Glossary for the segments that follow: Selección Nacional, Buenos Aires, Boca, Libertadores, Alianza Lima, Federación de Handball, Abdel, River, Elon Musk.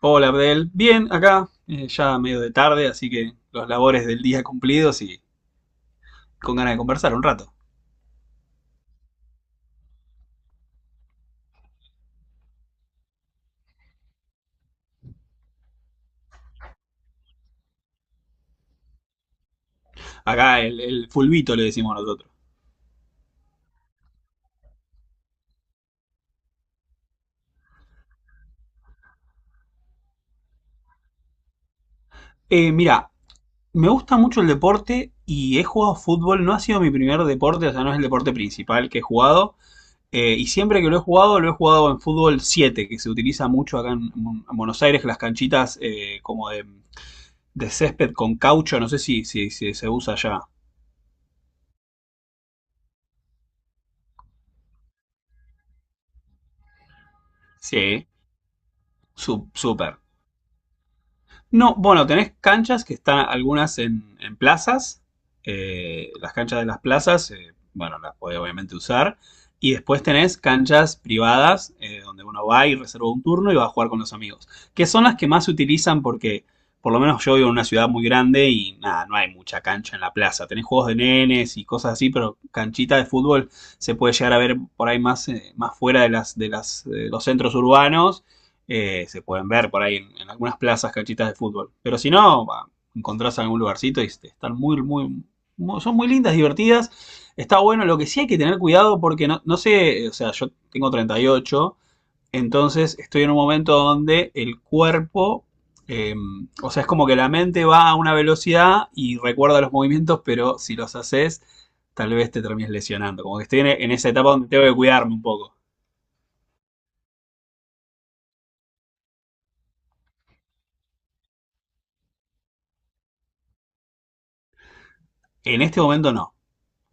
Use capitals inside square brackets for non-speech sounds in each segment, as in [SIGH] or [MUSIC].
Hola Abdel, bien acá, ya medio de tarde, así que los labores del día cumplidos y con ganas de conversar un rato. Acá el fulbito le decimos nosotros. Mira, me gusta mucho el deporte y he jugado fútbol, no ha sido mi primer deporte, o sea, no es el deporte principal que he jugado. Y siempre que lo he jugado en fútbol 7, que se utiliza mucho acá en Buenos Aires, que las canchitas como de césped con caucho, no sé si se usa allá. Sí. Súper. No, bueno, tenés canchas que están algunas en plazas. Las canchas de las plazas, bueno, las podés obviamente usar. Y después tenés canchas privadas, donde uno va y reserva un turno y va a jugar con los amigos. Que son las que más se utilizan porque, por lo menos yo vivo en una ciudad muy grande y nada, no hay mucha cancha en la plaza. Tenés juegos de nenes y cosas así, pero canchita de fútbol se puede llegar a ver por ahí más, más fuera de las, los centros urbanos se pueden ver por ahí en algunas plazas canchitas de fútbol. Pero si no, va, encontrás algún lugarcito y este, están muy, muy, muy- son muy lindas, divertidas. Está bueno, lo que sí hay que tener cuidado porque no, no sé, o sea, yo tengo 38, entonces estoy en un momento donde el cuerpo, eh, o sea, es como que la mente va a una velocidad y recuerda los movimientos, pero si los haces, tal vez te termines lesionando. Como que estoy en esa etapa donde tengo que cuidarme un poco. En este momento no.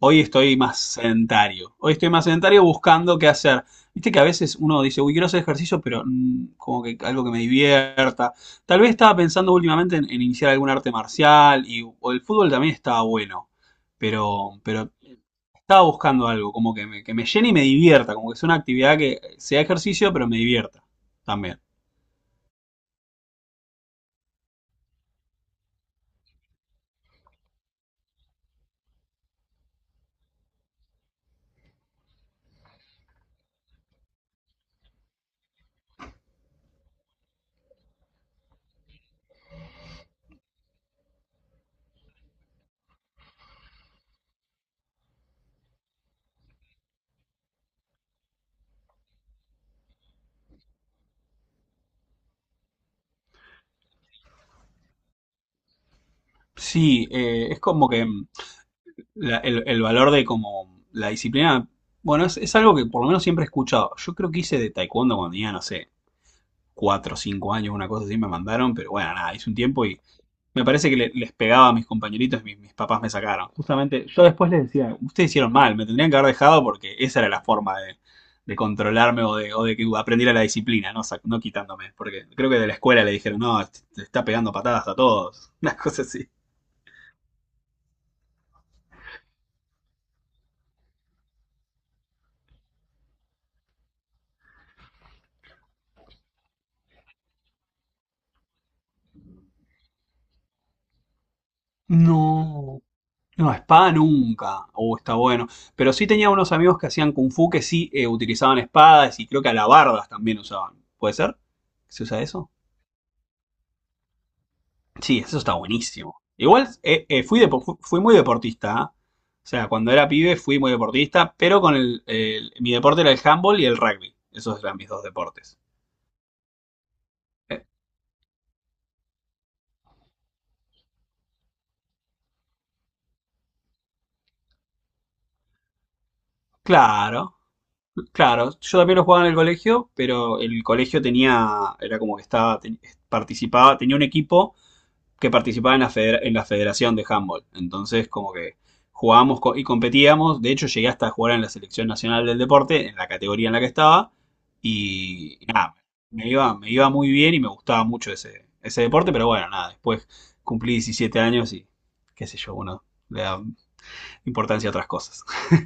Hoy estoy más sedentario. Hoy estoy más sedentario buscando qué hacer. Viste que a veces uno dice, uy, quiero hacer ejercicio, pero como que algo que me divierta. Tal vez estaba pensando últimamente en iniciar algún arte marcial y o el fútbol también estaba bueno, pero estaba buscando algo como que me llene y me divierta, como que sea una actividad que sea ejercicio, pero me divierta también. Sí, es como que el valor de como la disciplina, bueno, es algo que por lo menos siempre he escuchado. Yo creo que hice de taekwondo cuando tenía, no sé, cuatro o 5 años, una cosa así me mandaron, pero bueno, nada, hice un tiempo y me parece que les pegaba a mis compañeritos y mis papás me sacaron. Justamente, yo después les decía, ustedes hicieron mal, me tendrían que haber dejado porque esa era la forma de controlarme o de que aprendiera la disciplina, no, no quitándome, porque creo que de la escuela le dijeron, no, te está pegando patadas a todos, [LAUGHS] una cosa así. No. No, espada nunca. Oh, está bueno. Pero sí tenía unos amigos que hacían kung fu que sí utilizaban espadas y creo que alabardas también usaban. ¿Puede ser? ¿Se usa eso? Sí, eso está buenísimo. Igual fui muy deportista. ¿Ah? O sea, cuando era pibe fui muy deportista, pero con mi deporte era el handball y el rugby. Esos eran mis dos deportes. Eh, claro, claro. Yo también lo jugaba en el colegio, pero el colegio tenía, era como que estaba, participaba, tenía un equipo que participaba en en la Federación de Handball. Entonces, como que jugábamos y competíamos. De hecho, llegué hasta a jugar en la Selección Nacional del Deporte, en la categoría en la que estaba. Y nada, me iba muy bien y me gustaba mucho ese deporte. Pero bueno, nada, después cumplí 17 años y qué sé yo, uno le da importancia a otras cosas. [LAUGHS]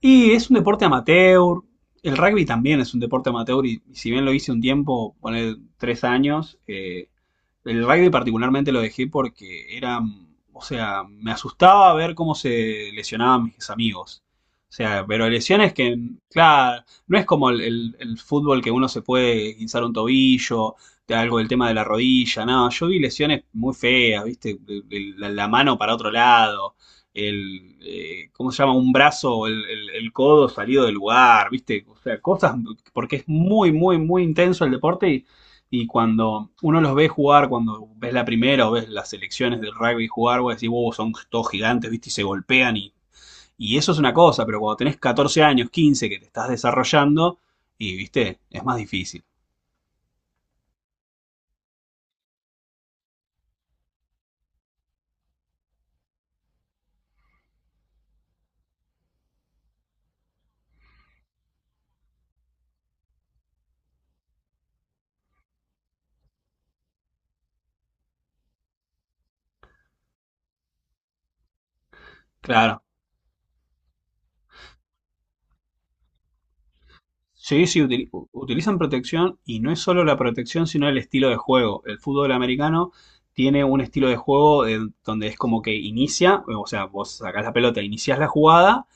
Y es un deporte amateur. El rugby también es un deporte amateur y si bien lo hice un tiempo, poner 3 años. El rugby particularmente lo dejé porque era, o sea, me asustaba ver cómo se lesionaban mis amigos. O sea, pero lesiones que, claro, no es como el fútbol que uno se puede guinzar un tobillo, de algo del tema de la rodilla, no, yo vi lesiones muy feas, viste. La mano para otro lado, ¿cómo se llama? Un brazo, el codo salido del lugar, viste, o sea, cosas, porque es muy, muy, muy intenso el deporte. Y cuando uno los ve jugar, cuando ves la primera o ves las selecciones del rugby jugar, vos decís, wow, son todos gigantes, ¿viste? Y se golpean, y eso es una cosa, pero cuando tenés 14 años, 15, que te estás desarrollando, ¿viste? Es más difícil. Claro. Sí, sí, utilizan protección, y no es solo la protección, sino el estilo de juego. El fútbol americano tiene un estilo de juego donde es como que inicia, o sea, vos sacás la pelota, iniciás la jugada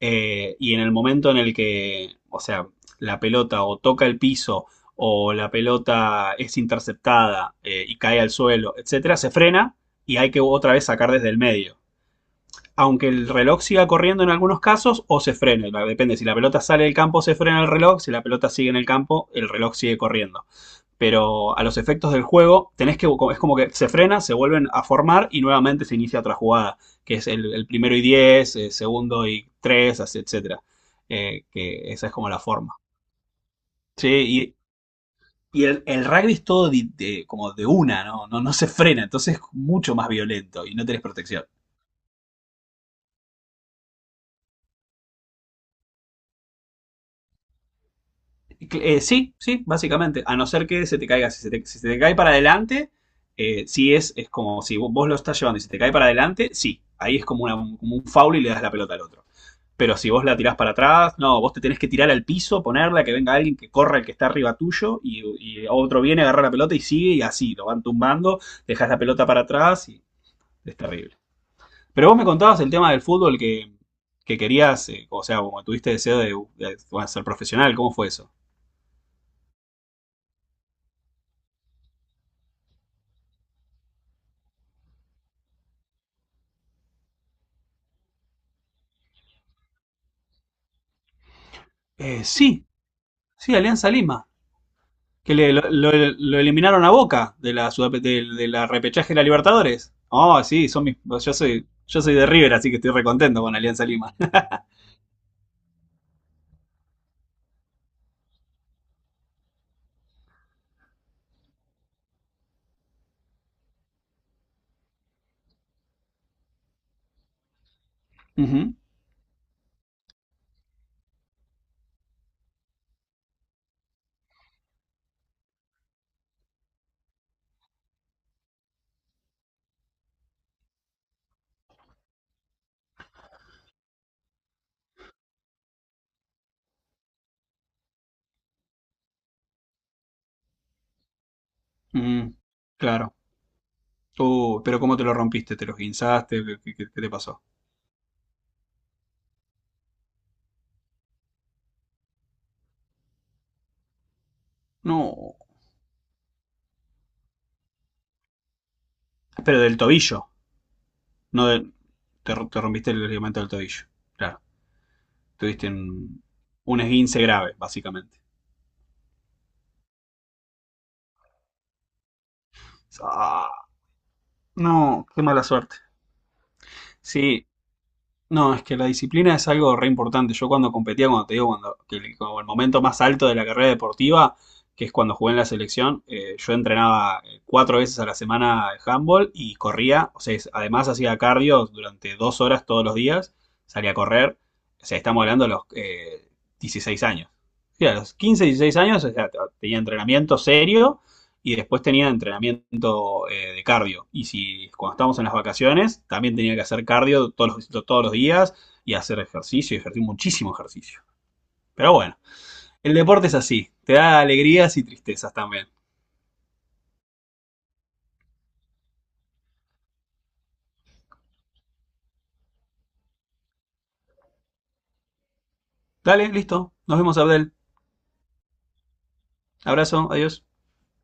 y en el momento en el que, o sea, la pelota o toca el piso o la pelota es interceptada, y cae al suelo, etcétera, se frena y hay que otra vez sacar desde el medio, aunque el reloj siga corriendo en algunos casos o se frene. Depende, si la pelota sale del campo se frena el reloj, si la pelota sigue en el campo el reloj sigue corriendo. Pero a los efectos del juego tenés que, es como que se frena, se vuelven a formar y nuevamente se inicia otra jugada, que es el primero y 10, el segundo y 3, etcétera. Que esa es como la forma. Sí, y el rugby es todo como de una, ¿no? No, no se frena, entonces es mucho más violento y no tenés protección. Sí, sí, básicamente. A no ser que se te caiga. Si se te, si se te cae para adelante, sí es como si vos lo estás llevando y se te cae para adelante, sí. Ahí es como, como un foul, y le das la pelota al otro. Pero si vos la tirás para atrás, no, vos te tenés que tirar al piso, ponerla, que venga alguien que corra el que está arriba tuyo, y otro viene, agarra la pelota y sigue, y así, lo van tumbando, dejas la pelota para atrás y es terrible. Pero vos me contabas el tema del fútbol, que querías, o sea, como tuviste deseo de, ser profesional, ¿cómo fue eso? Sí. Sí, Alianza Lima, que lo eliminaron a Boca de la repechaje de la Libertadores. Oh, sí, son mis, yo soy de River, así que estoy recontento con Alianza Lima. [LAUGHS] Ujú, mm, claro. Pero ¿cómo te lo rompiste? ¿Te lo guinzaste? ¿Qué te pasó? No. Pero del tobillo, no te rompiste el ligamento del tobillo. Claro, tuviste un esguince grave, básicamente. Ah, no, qué mala suerte. Sí. No, es que la disciplina es algo re importante. Yo cuando competía, cuando te digo, cuando, que el, como el momento más alto de la carrera deportiva, que es cuando jugué en la selección, yo entrenaba 4 veces a la semana handball, y corría. O sea, además hacía cardio durante 2 horas todos los días, salía a correr. O sea, estamos hablando de los 16 años. Sí, a los 15, 16 años, o sea, tenía entrenamiento serio y después tenía entrenamiento de cardio. Y si cuando estábamos en las vacaciones, también tenía que hacer cardio todos los días, y hacer ejercicio, y ejercicio, muchísimo ejercicio. Pero bueno, el deporte es así, te da alegrías y tristezas también. Dale, listo, nos vemos, Abdel. Abrazo, adiós.